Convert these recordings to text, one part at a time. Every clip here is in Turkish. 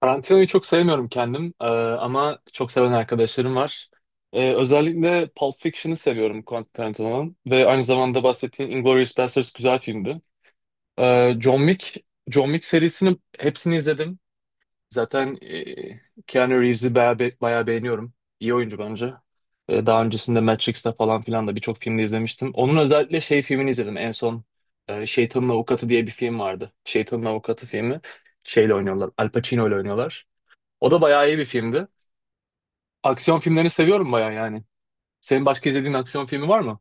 Karantinayı çok sevmiyorum kendim ama çok seven arkadaşlarım var. Özellikle Pulp Fiction'ı seviyorum Quentin Tarantino'nun ve aynı zamanda bahsettiğin Inglourious Basterds güzel filmdi. E, John Wick, John Wick serisini hepsini izledim. Zaten Keanu Reeves'i bayağı, bayağı beğeniyorum. İyi oyuncu bence. Daha öncesinde Matrix'te falan filan da birçok filmde izlemiştim. Onun özellikle şey filmini izledim en son. Şeytanın Avukatı diye bir film vardı. Şeytanın Avukatı filmi. Şeyle oynuyorlar. Al Pacino ile oynuyorlar. O da bayağı iyi bir filmdi. Aksiyon filmlerini seviyorum bayağı yani. Senin başka izlediğin aksiyon filmi var mı?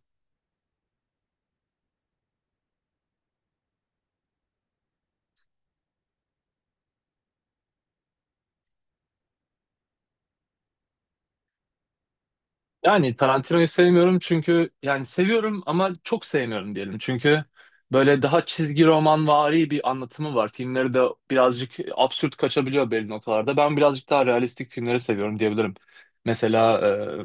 Yani Tarantino'yu sevmiyorum çünkü yani seviyorum ama çok sevmiyorum diyelim. Çünkü böyle daha çizgi romanvari bir anlatımı var. Filmleri de birazcık absürt kaçabiliyor belli noktalarda. Ben birazcık daha realistik filmleri seviyorum diyebilirim. Mesela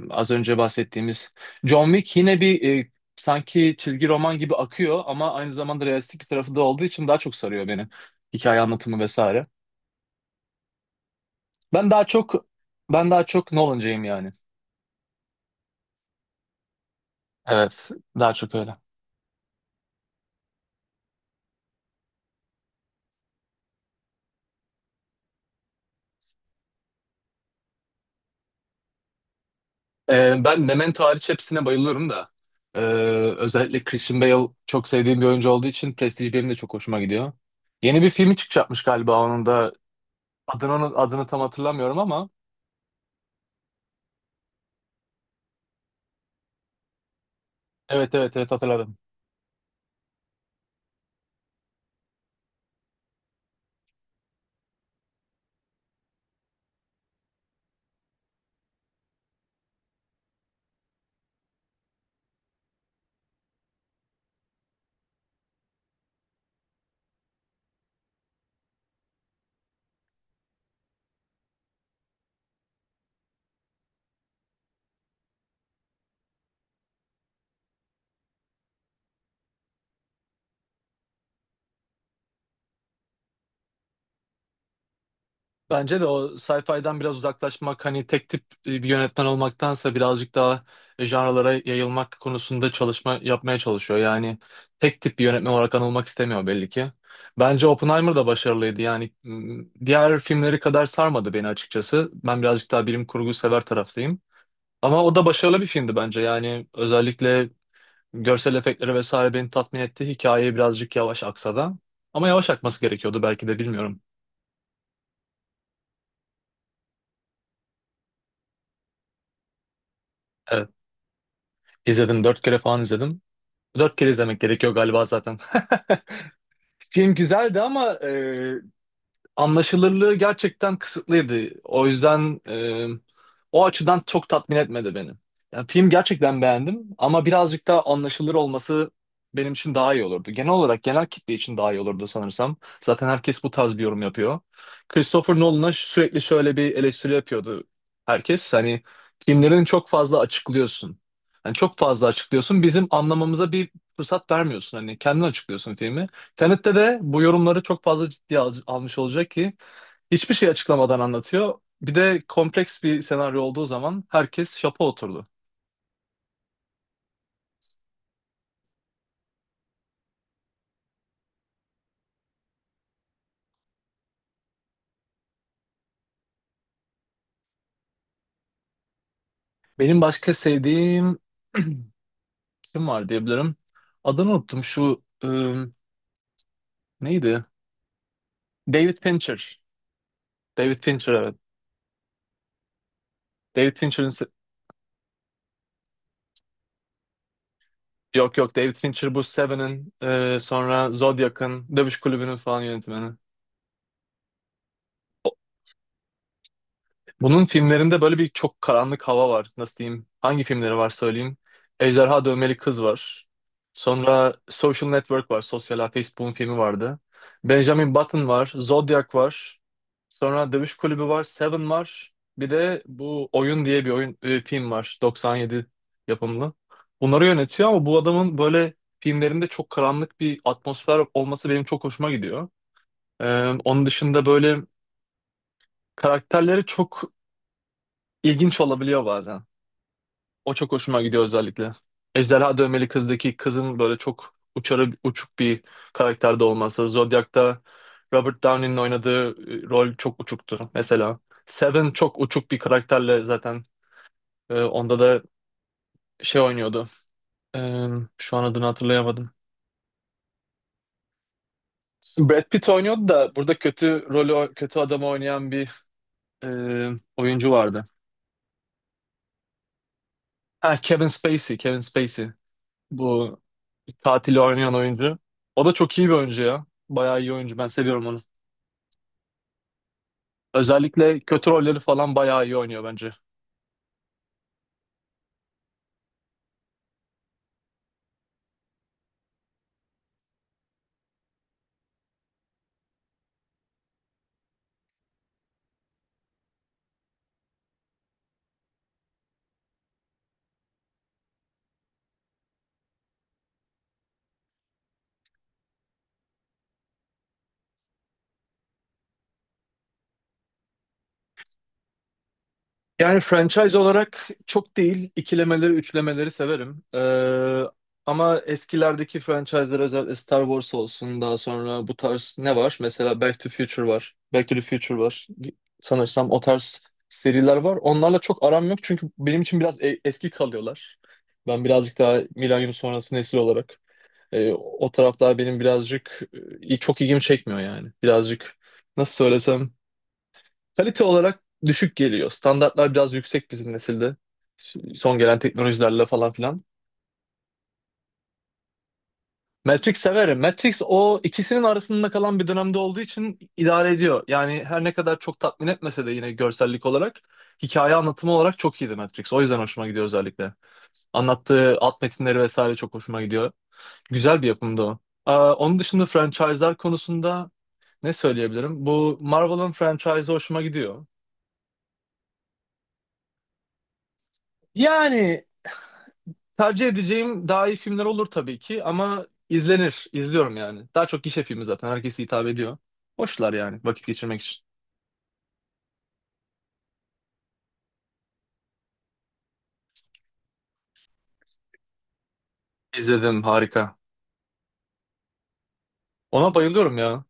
az önce bahsettiğimiz John Wick yine bir sanki çizgi roman gibi akıyor ama aynı zamanda realistik bir tarafı da olduğu için daha çok sarıyor beni. Hikaye anlatımı vesaire. Ben daha çok ben daha çok Nolan'cıyım yani. Evet, daha çok öyle. Ben Memento hariç hepsine bayılıyorum da. Ee, Özellikle Christian Bale çok sevdiğim bir oyuncu olduğu için Prestige benim de çok hoşuma gidiyor. Yeni bir filmi çıkacakmış galiba onun da. Adını tam hatırlamıyorum ama. Evet, evet, evet, hatırladım. Bence de o sci-fi'den biraz uzaklaşmak hani tek tip bir yönetmen olmaktansa birazcık daha janralara yayılmak konusunda çalışma yapmaya çalışıyor. Yani tek tip bir yönetmen olarak anılmak istemiyor belli ki. Bence Oppenheimer da başarılıydı. Yani diğer filmleri kadar sarmadı beni açıkçası. Ben birazcık daha bilim kurgu sever taraftayım. Ama o da başarılı bir filmdi bence. Yani özellikle görsel efektleri vesaire beni tatmin etti. Hikaye birazcık yavaş aksa da. Ama yavaş akması gerekiyordu belki de bilmiyorum. Evet. İzledim dört kere falan izledim. Dört kere izlemek gerekiyor galiba zaten. Film güzeldi ama anlaşılırlığı gerçekten kısıtlıydı. O yüzden o açıdan çok tatmin etmedi beni. Ya, film gerçekten beğendim ama birazcık daha anlaşılır olması benim için daha iyi olurdu. Genel olarak genel kitle için daha iyi olurdu sanırsam. Zaten herkes bu tarz bir yorum yapıyor. Christopher Nolan'a sürekli şöyle bir eleştiri yapıyordu herkes. Hani filmlerini çok fazla açıklıyorsun. Yani çok fazla açıklıyorsun. Bizim anlamamıza bir fırsat vermiyorsun. Hani kendin açıklıyorsun filmi. Tenet'te de bu yorumları çok fazla ciddiye almış olacak ki hiçbir şey açıklamadan anlatıyor. Bir de kompleks bir senaryo olduğu zaman herkes şapa oturdu. Benim başka sevdiğim kim var diyebilirim. Adını unuttum şu neydi? David Fincher. David Fincher evet. David Fincher'ın se- Yok, yok, David Fincher bu Seven'in sonra Zodiac'ın Dövüş Kulübü'nün falan yönetmeni. Bunun filmlerinde böyle bir çok karanlık hava var. Nasıl diyeyim? Hangi filmleri var söyleyeyim. Ejderha Dövmeli Kız var. Sonra Social Network var. Sosyal Ağ Facebook'un filmi vardı. Benjamin Button var. Zodiac var. Sonra Dövüş Kulübü var. Seven var. Bir de bu Oyun diye bir oyun film var. 97 yapımlı. Bunları yönetiyor ama bu adamın böyle filmlerinde çok karanlık bir atmosfer olması benim çok hoşuma gidiyor. Ee, Onun dışında böyle karakterleri çok ilginç olabiliyor bazen. O çok hoşuma gidiyor özellikle. Ejderha Dövmeli Kız'daki kızın böyle çok uçarı uçuk bir karakterde olması. Zodiac'ta Robert Downey'nin oynadığı rol çok uçuktu mesela. Seven çok uçuk bir karakterle zaten onda da şey oynuyordu. E, Şu an adını hatırlayamadım. Brad Pitt oynuyordu da burada kötü rolü kötü adamı oynayan bir e, oyuncu vardı. Ha, Kevin Spacey, Kevin Spacey. Bu katili oynayan oyuncu. O da çok iyi bir oyuncu ya. Bayağı iyi oyuncu. Ben seviyorum onu. Özellikle kötü rolleri falan bayağı iyi oynuyor bence. Yani franchise olarak çok değil. İkilemeleri, üçlemeleri severim. Ama eskilerdeki franchise'lar özellikle Star Wars olsun. Daha sonra bu tarz ne var? Mesela Back to Future var. Back to the Future var. Sanırsam o tarz seriler var. Onlarla çok aram yok çünkü benim için biraz eski kalıyorlar. Ben birazcık daha milenyum sonrası nesil olarak. O taraflar benim birazcık çok ilgimi çekmiyor yani. Birazcık nasıl söylesem kalite olarak düşük geliyor. Standartlar biraz yüksek bizim nesilde. Son gelen teknolojilerle falan filan. Matrix severim. Matrix o ikisinin arasında kalan bir dönemde olduğu için idare ediyor. Yani her ne kadar çok tatmin etmese de yine görsellik olarak hikaye anlatımı olarak çok iyiydi Matrix. O yüzden hoşuma gidiyor özellikle. Anlattığı alt metinleri vesaire çok hoşuma gidiyor. Güzel bir yapımdı o. Onun dışında franchise'lar konusunda ne söyleyebilirim? Bu Marvel'ın franchise hoşuma gidiyor. Yani tercih edeceğim daha iyi filmler olur tabii ki ama izlenir, izliyorum yani. Daha çok gişe filmi zaten herkese hitap ediyor. Hoşlar yani vakit geçirmek için. İzledim, harika. Ona bayılıyorum ya.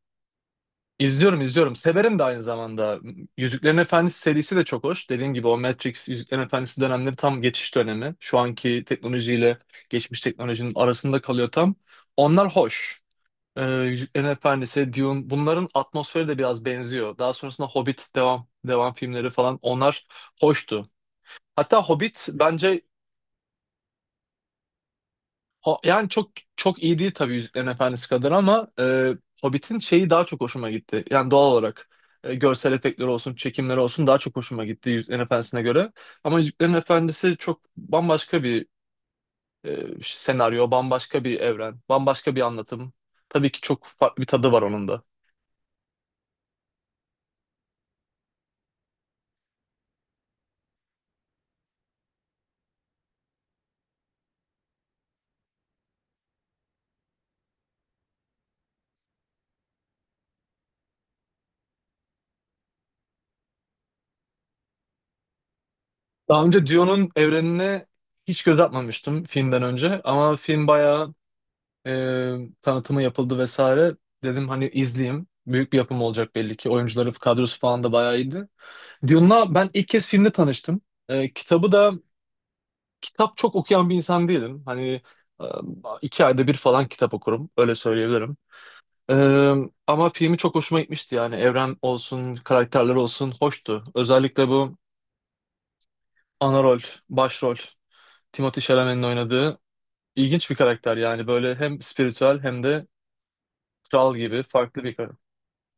İzliyorum izliyorum. Severim de aynı zamanda. Yüzüklerin Efendisi serisi de çok hoş. Dediğim gibi o Matrix Yüzüklerin Efendisi dönemleri tam geçiş dönemi. Şu anki teknolojiyle geçmiş teknolojinin arasında kalıyor tam. Onlar hoş. Yüzüklerin Efendisi, Dune bunların atmosferi de biraz benziyor. Daha sonrasında Hobbit devam devam filmleri falan onlar hoştu. Hatta Hobbit bence yani çok çok iyi değil tabii Yüzüklerin Efendisi kadar ama Hobbit'in şeyi daha çok hoşuma gitti. Yani doğal olarak görsel efektleri olsun, çekimleri olsun daha çok hoşuma gitti Yüzüklerin Efendisi'ne göre. Ama Yüzüklerin Efendisi çok bambaşka bir senaryo, bambaşka bir evren, bambaşka bir anlatım. Tabii ki çok farklı bir tadı var onun da. Daha önce Dune'un evrenine hiç göz atmamıştım filmden önce ama film bayağı e, tanıtımı yapıldı vesaire. Dedim hani izleyeyim. Büyük bir yapım olacak belli ki. Oyuncuları kadrosu falan da bayağı iyiydi. Dune'la ben ilk kez filmde tanıştım. Kitabı da kitap çok okuyan bir insan değilim. Hani e, 2 ayda bir falan kitap okurum. Öyle söyleyebilirim. E, Ama filmi çok hoşuma gitmişti yani. Evren olsun, karakterler olsun hoştu. Özellikle bu ana rol, başrol. Timothée Chalamet'in oynadığı İlginç bir karakter yani böyle hem spiritüel hem de kral gibi farklı bir karakter.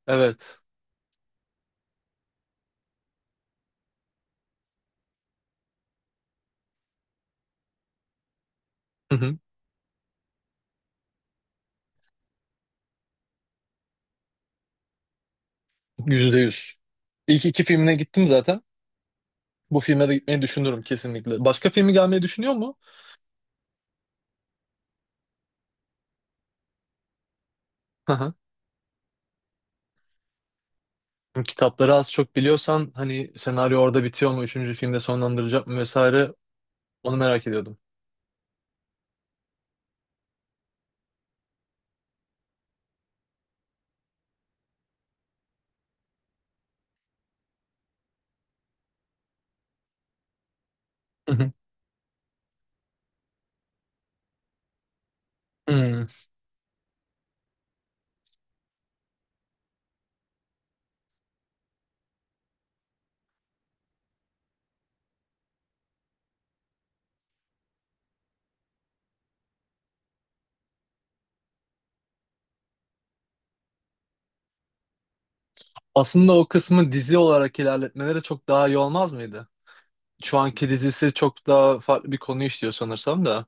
Evet. Hı hı. %100. İlk iki filmine gittim zaten. Bu filme de gitmeyi düşünürüm kesinlikle. Başka filmi gelmeyi düşünüyor mu? Hı hı. Kitapları az çok biliyorsan hani senaryo orada bitiyor mu? Üçüncü filmde sonlandıracak mı vesaire onu merak ediyordum. Hı hı. Hmm. Aslında o kısmı dizi olarak ilerletmeleri çok daha iyi olmaz mıydı? Şu anki dizisi çok daha farklı bir konu işliyor sanırsam da.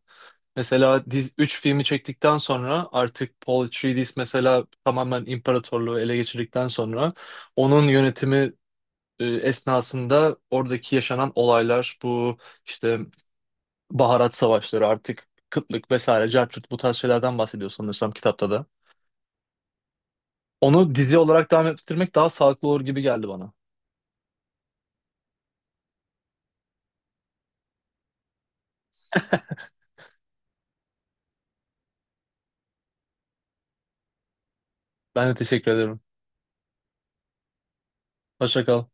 Mesela diz 3 filmi çektikten sonra artık Paul Atreides mesela tamamen imparatorluğu ele geçirdikten sonra onun yönetimi esnasında oradaki yaşanan olaylar bu işte baharat savaşları artık kıtlık vesaire cartçut bu tarz şeylerden bahsediyor sanırsam kitapta da. Onu dizi olarak devam ettirmek daha sağlıklı olur gibi geldi bana. Ben de teşekkür ederim. Hoşça kal.